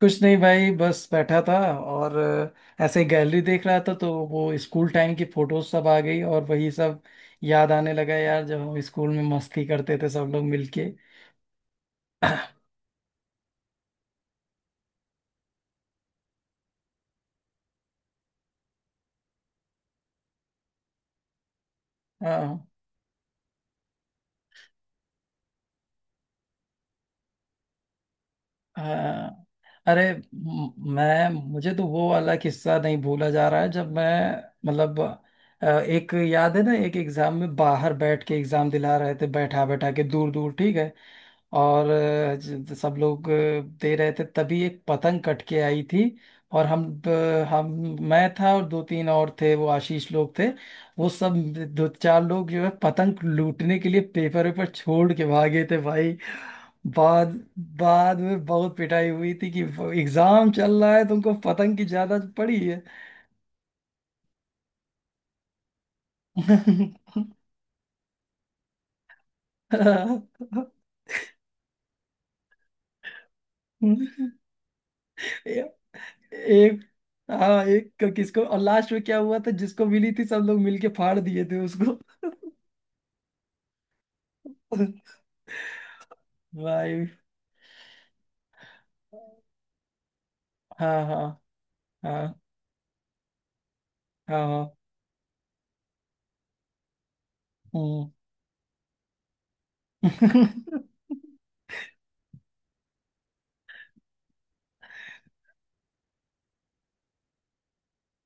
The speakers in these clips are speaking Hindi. कुछ नहीं भाई, बस बैठा था। और ऐसे ही गैलरी देख रहा था तो वो स्कूल टाइम की फोटोज सब आ गई, और वही सब याद आने लगा यार, जब हम स्कूल में मस्ती करते थे सब लोग मिलके। हाँ, हाँ। अरे मैं मुझे तो वो वाला किस्सा नहीं भूला जा रहा है। जब मैं, मतलब एक याद है ना, एक एग्जाम में बाहर बैठ के एग्जाम दिला रहे थे, बैठा बैठा के दूर दूर, ठीक है। और सब लोग दे रहे थे तभी एक पतंग कट के आई थी। और हम, मैं था और दो तीन और थे, वो आशीष लोग थे, वो सब दो चार लोग जो है पतंग लूटने के लिए पेपर वेपर छोड़ के भागे थे भाई। बाद बाद में बहुत पिटाई हुई थी कि एग्जाम चल रहा है, तुमको पतंग की ज्यादा पड़ी है। एक, हाँ एक किसको, और लास्ट में क्या हुआ था जिसको मिली थी सब लोग मिलके फाड़ दिए थे उसको। भाई। हाँ, हाँ, हाँ, हाँ, हाँ। हम्म।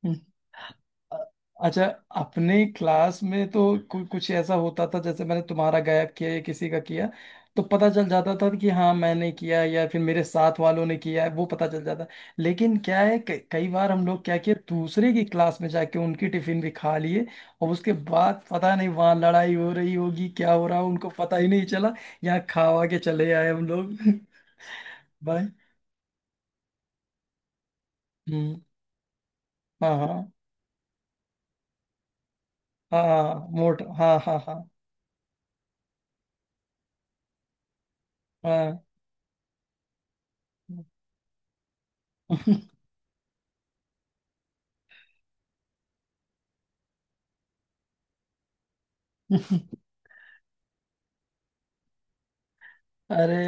अच्छा, अपने क्लास में तो कुछ ऐसा होता था जैसे मैंने तुम्हारा गायब किया या किसी का किया तो पता चल जाता था कि हाँ मैंने किया या फिर मेरे साथ वालों ने किया है, वो पता चल जाता। लेकिन क्या है, कई बार हम लोग क्या किया, दूसरे की क्लास में जाके उनकी टिफिन भी खा लिए। और उसके बाद पता नहीं वहाँ लड़ाई हो रही होगी, क्या हो रहा हो, उनको पता ही नहीं चला। यहाँ खावा के चले आए हम लोग। भाई। हम्म। हाँ, हाँ, हाँ, हाँ, मोट, हाँ, हाँ, हाँ, हाँ। अरे।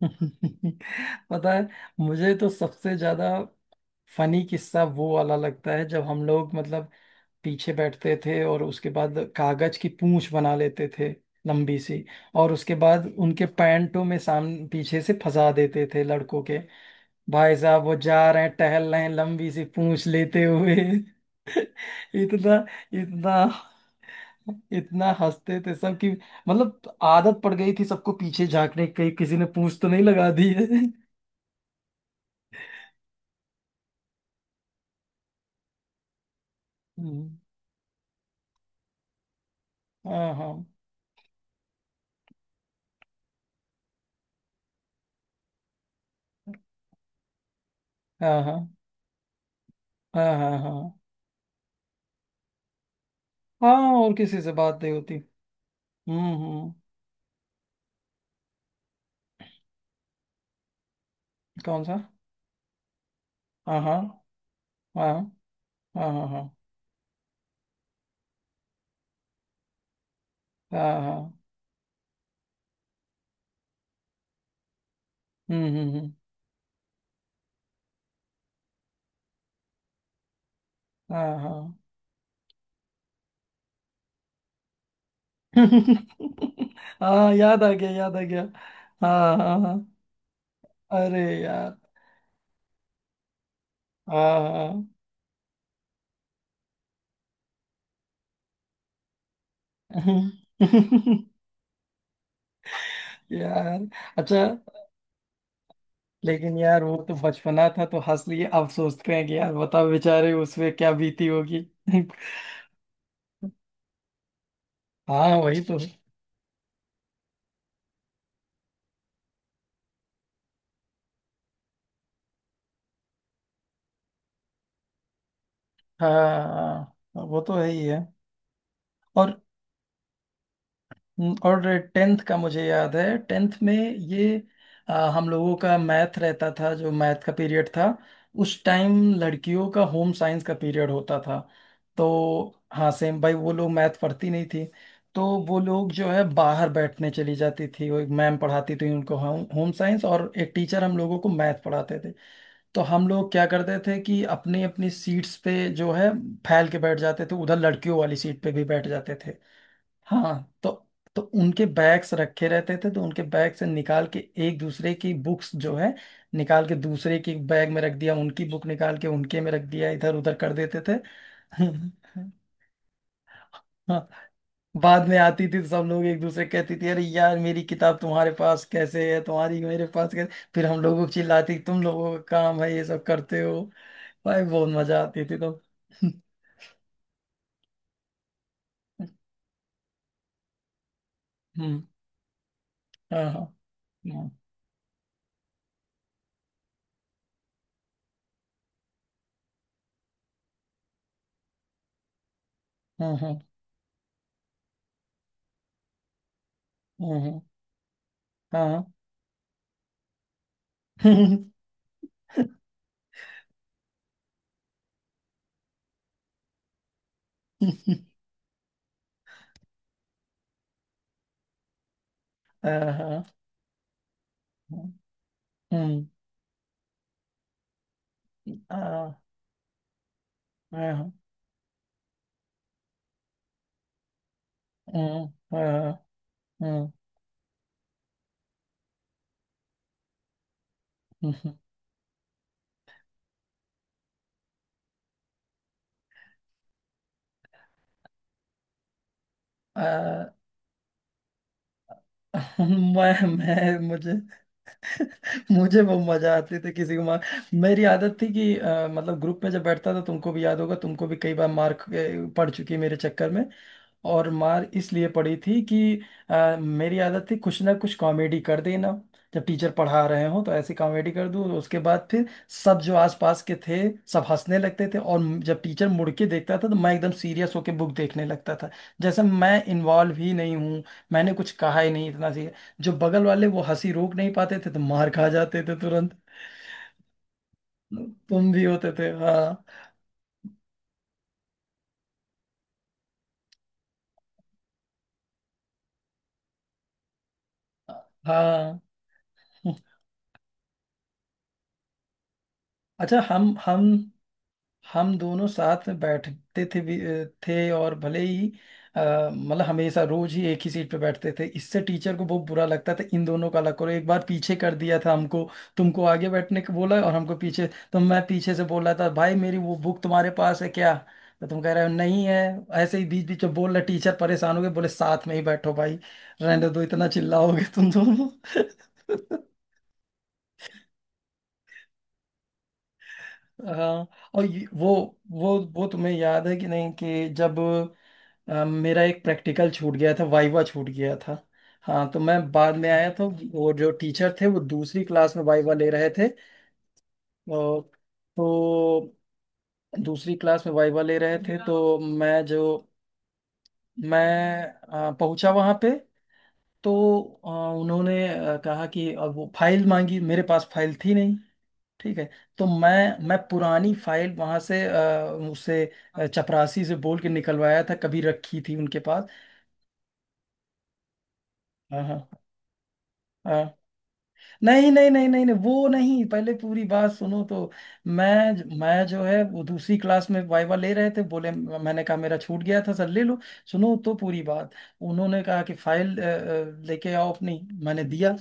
पता है, मुझे तो सबसे ज्यादा फनी किस्सा वो वाला लगता है जब हम लोग, मतलब, पीछे बैठते थे और उसके बाद कागज की पूंछ बना लेते थे, लंबी सी। और उसके बाद उनके पैंटों में सामने पीछे से फंसा देते थे लड़कों के। भाई साहब वो जा रहे हैं, टहल रहे हैं, लंबी सी पूंछ लेते हुए। इतना इतना इतना हंसते थे सब कि, मतलब, आदत पड़ गई थी सबको पीछे झांकने की कहीं किसी ने पूंछ तो नहीं लगा दी है। हम्म। हाँ, हाँ, हाँ, हाँ, हाँ, हाँ, हाँ, हाँ और किसी से बात नहीं होती। हम्म, हम्म। कौन सा? हाँ, हाँ, हाँ, हाँ, हाँ, हाँ, हाँ, हाँ। हम्म, हम्म, हम्म। हाँ, हाँ। हाँ, याद आ गया, याद आ गया। हाँ, हाँ, हाँ, अरे यार, हाँ, हाँ। यार। अच्छा, लेकिन यार वो तो बचपना था तो हंस लिए, अब सोचते हैं कि यार बताओ बेचारे उसमें क्या बीती होगी। हाँ वही तो। हाँ, हाँ, वो तो है ही है। और और टेंथ का मुझे याद है, टेंथ में ये, आ, हम लोगों का मैथ रहता था, जो मैथ का पीरियड था। उस टाइम लड़कियों का होम साइंस का पीरियड होता था। तो हाँ सेम भाई, वो लोग मैथ पढ़ती नहीं थी तो वो लोग जो है बाहर बैठने चली जाती थी। वो एक मैम पढ़ाती थी उनको होम होम साइंस, और एक टीचर हम लोगों को मैथ पढ़ाते थे। तो हम लोग क्या करते थे कि अपनी अपनी सीट्स पे जो है फैल के बैठ जाते थे, उधर लड़कियों वाली सीट पे भी बैठ जाते थे। हाँ तो उनके बैग्स रखे रहते थे, तो उनके बैग से निकाल के एक दूसरे की बुक्स जो है निकाल के दूसरे की बैग में रख दिया, उनकी बुक निकाल के उनके में रख दिया, इधर उधर कर देते थे। हाँ। बाद में आती थी तो सब लोग एक दूसरे कहती थी अरे यार मेरी किताब तुम्हारे पास कैसे है, तुम्हारी मेरे पास कैसे, फिर हम लोगों को चिल्लाती तुम लोगों का काम है ये सब करते हो। भाई बहुत मजा आती थी तो। हम्म। हाँ, हाँ, हाँ, हाँ, हाँ, हाँ, हाँ, हाँ। हाँ, हाँ, हम्म, आह, हाँ, हम्म, आह, हम्म, हम्म, आह। मैं मैं मुझे। मुझे वो मजा आती थी किसी को मार। मेरी आदत थी कि मतलब, ग्रुप में जब बैठता था तुमको भी याद होगा, तुमको भी कई बार मार पड़ चुकी है मेरे चक्कर में। और मार इसलिए पड़ी थी कि मेरी आदत थी कुछ ना कुछ कॉमेडी कर देना। जब टीचर पढ़ा रहे हो तो ऐसी कॉमेडी कर दूं, उसके बाद फिर सब जो आसपास के थे सब हंसने लगते थे। और जब टीचर मुड़ के देखता था तो मैं एकदम सीरियस होके बुक देखने लगता था, जैसे मैं इन्वॉल्व ही नहीं हूँ, मैंने कुछ कहा ही नहीं, इतना सी। जो बगल वाले वो हंसी रोक नहीं पाते थे तो मार खा जाते थे तुरंत। तुम भी होते थे हाँ। हाँ। अच्छा। हम, हम दोनों साथ में बैठते थे भी थे और भले ही, मतलब, हमेशा रोज ही एक ही सीट पे बैठते थे, इससे टीचर को बहुत बुरा लगता था इन दोनों का, अलग करो। एक बार पीछे कर दिया था हमको, तुमको आगे बैठने को बोला और हमको पीछे। तो मैं पीछे से बोल रहा था भाई मेरी वो बुक तुम्हारे पास है क्या? तो तुम कह रहे हो नहीं है। ऐसे ही बीच बीच में बोल रहे, टीचर परेशान हो गए बोले साथ में ही बैठो भाई, रहने दो, इतना चिल्लाओगे तुम दोनों। हाँ। और वो वो तुम्हें याद है कि नहीं कि जब मेरा एक प्रैक्टिकल छूट गया था, वाइवा छूट गया था। हाँ तो मैं बाद में आया था और जो टीचर थे वो दूसरी क्लास में वाइवा ले रहे थे। और तो दूसरी क्लास में वाइवा ले रहे थे तो मैं पहुंचा वहां पे। तो अ, उन्होंने कहा कि, अब वो फाइल मांगी, मेरे पास फाइल थी नहीं। ठीक है। तो मैं पुरानी फाइल वहां से उससे चपरासी से बोल के निकलवाया था, कभी रखी थी उनके पास। हाँ, हाँ, हाँ। नहीं, नहीं, नहीं, नहीं, नहीं, वो नहीं, पहले पूरी बात सुनो तो। मैं जो है वो दूसरी क्लास में वाइवा ले रहे थे बोले, मैंने कहा मेरा छूट गया था सर ले लो। सुनो तो पूरी बात। उन्होंने कहा कि फाइल लेके आओ अपनी। मैंने दिया।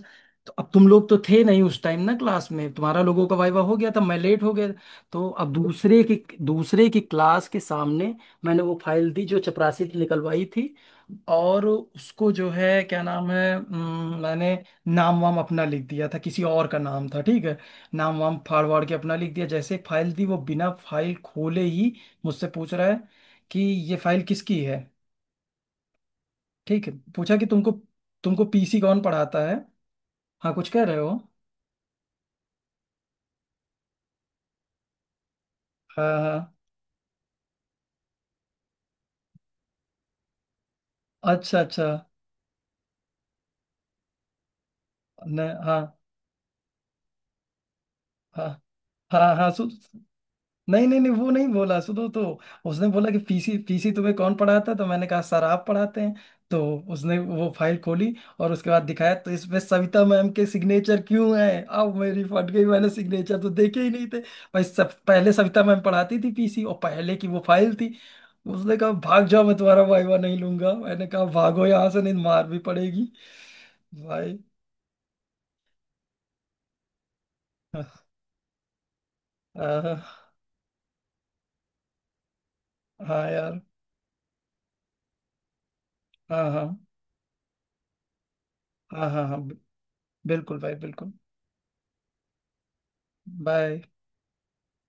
तो अब तुम लोग तो थे नहीं उस टाइम ना क्लास में, तुम्हारा लोगों का वाइवा हो गया था, मैं लेट हो गया। तो अब दूसरे की क्लास के सामने मैंने वो फाइल दी जो चपरासी ने निकलवाई थी। और उसको जो है, क्या नाम है, मैंने नाम वाम अपना लिख दिया था, किसी और का नाम था, ठीक है। नाम वाम फाड़ वाड़ के अपना लिख दिया, जैसे एक फाइल थी वो बिना फाइल खोले ही मुझसे पूछ रहा है कि ये फाइल किसकी है। ठीक है। पूछा कि तुमको, तुमको पीसी कौन पढ़ाता है। हाँ कुछ कह रहे हो? हाँ, हाँ, अच्छा, अच्छा, न, हाँ, हाँ, हाँ, हाँ, नहीं, नहीं, नहीं, वो नहीं बोला, सुनो तो। उसने बोला कि पीसी, पीसी तुम्हें कौन पढ़ाता है? तो मैंने कहा सर आप पढ़ाते हैं। तो उसने वो फाइल खोली और उसके बाद दिखाया तो इसमें सविता मैम के सिग्नेचर क्यों हैं? अब मेरी फट गई, मैंने सिग्नेचर तो देखे ही नहीं थे भाई, सब पहले सविता मैम पढ़ाती थी पीसी और पहले की वो फाइल थी। उसने कहा भाग जाओ मैं तुम्हारा वाइवा नहीं लूंगा, मैंने कहा भागो यहाँ से नहीं मार भी पड़ेगी। भाई। हाँ। हाँ, हाँ यार, हाँ, हाँ, हाँ, हाँ, हाँ, बिल्कुल भाई बिल्कुल। बाय।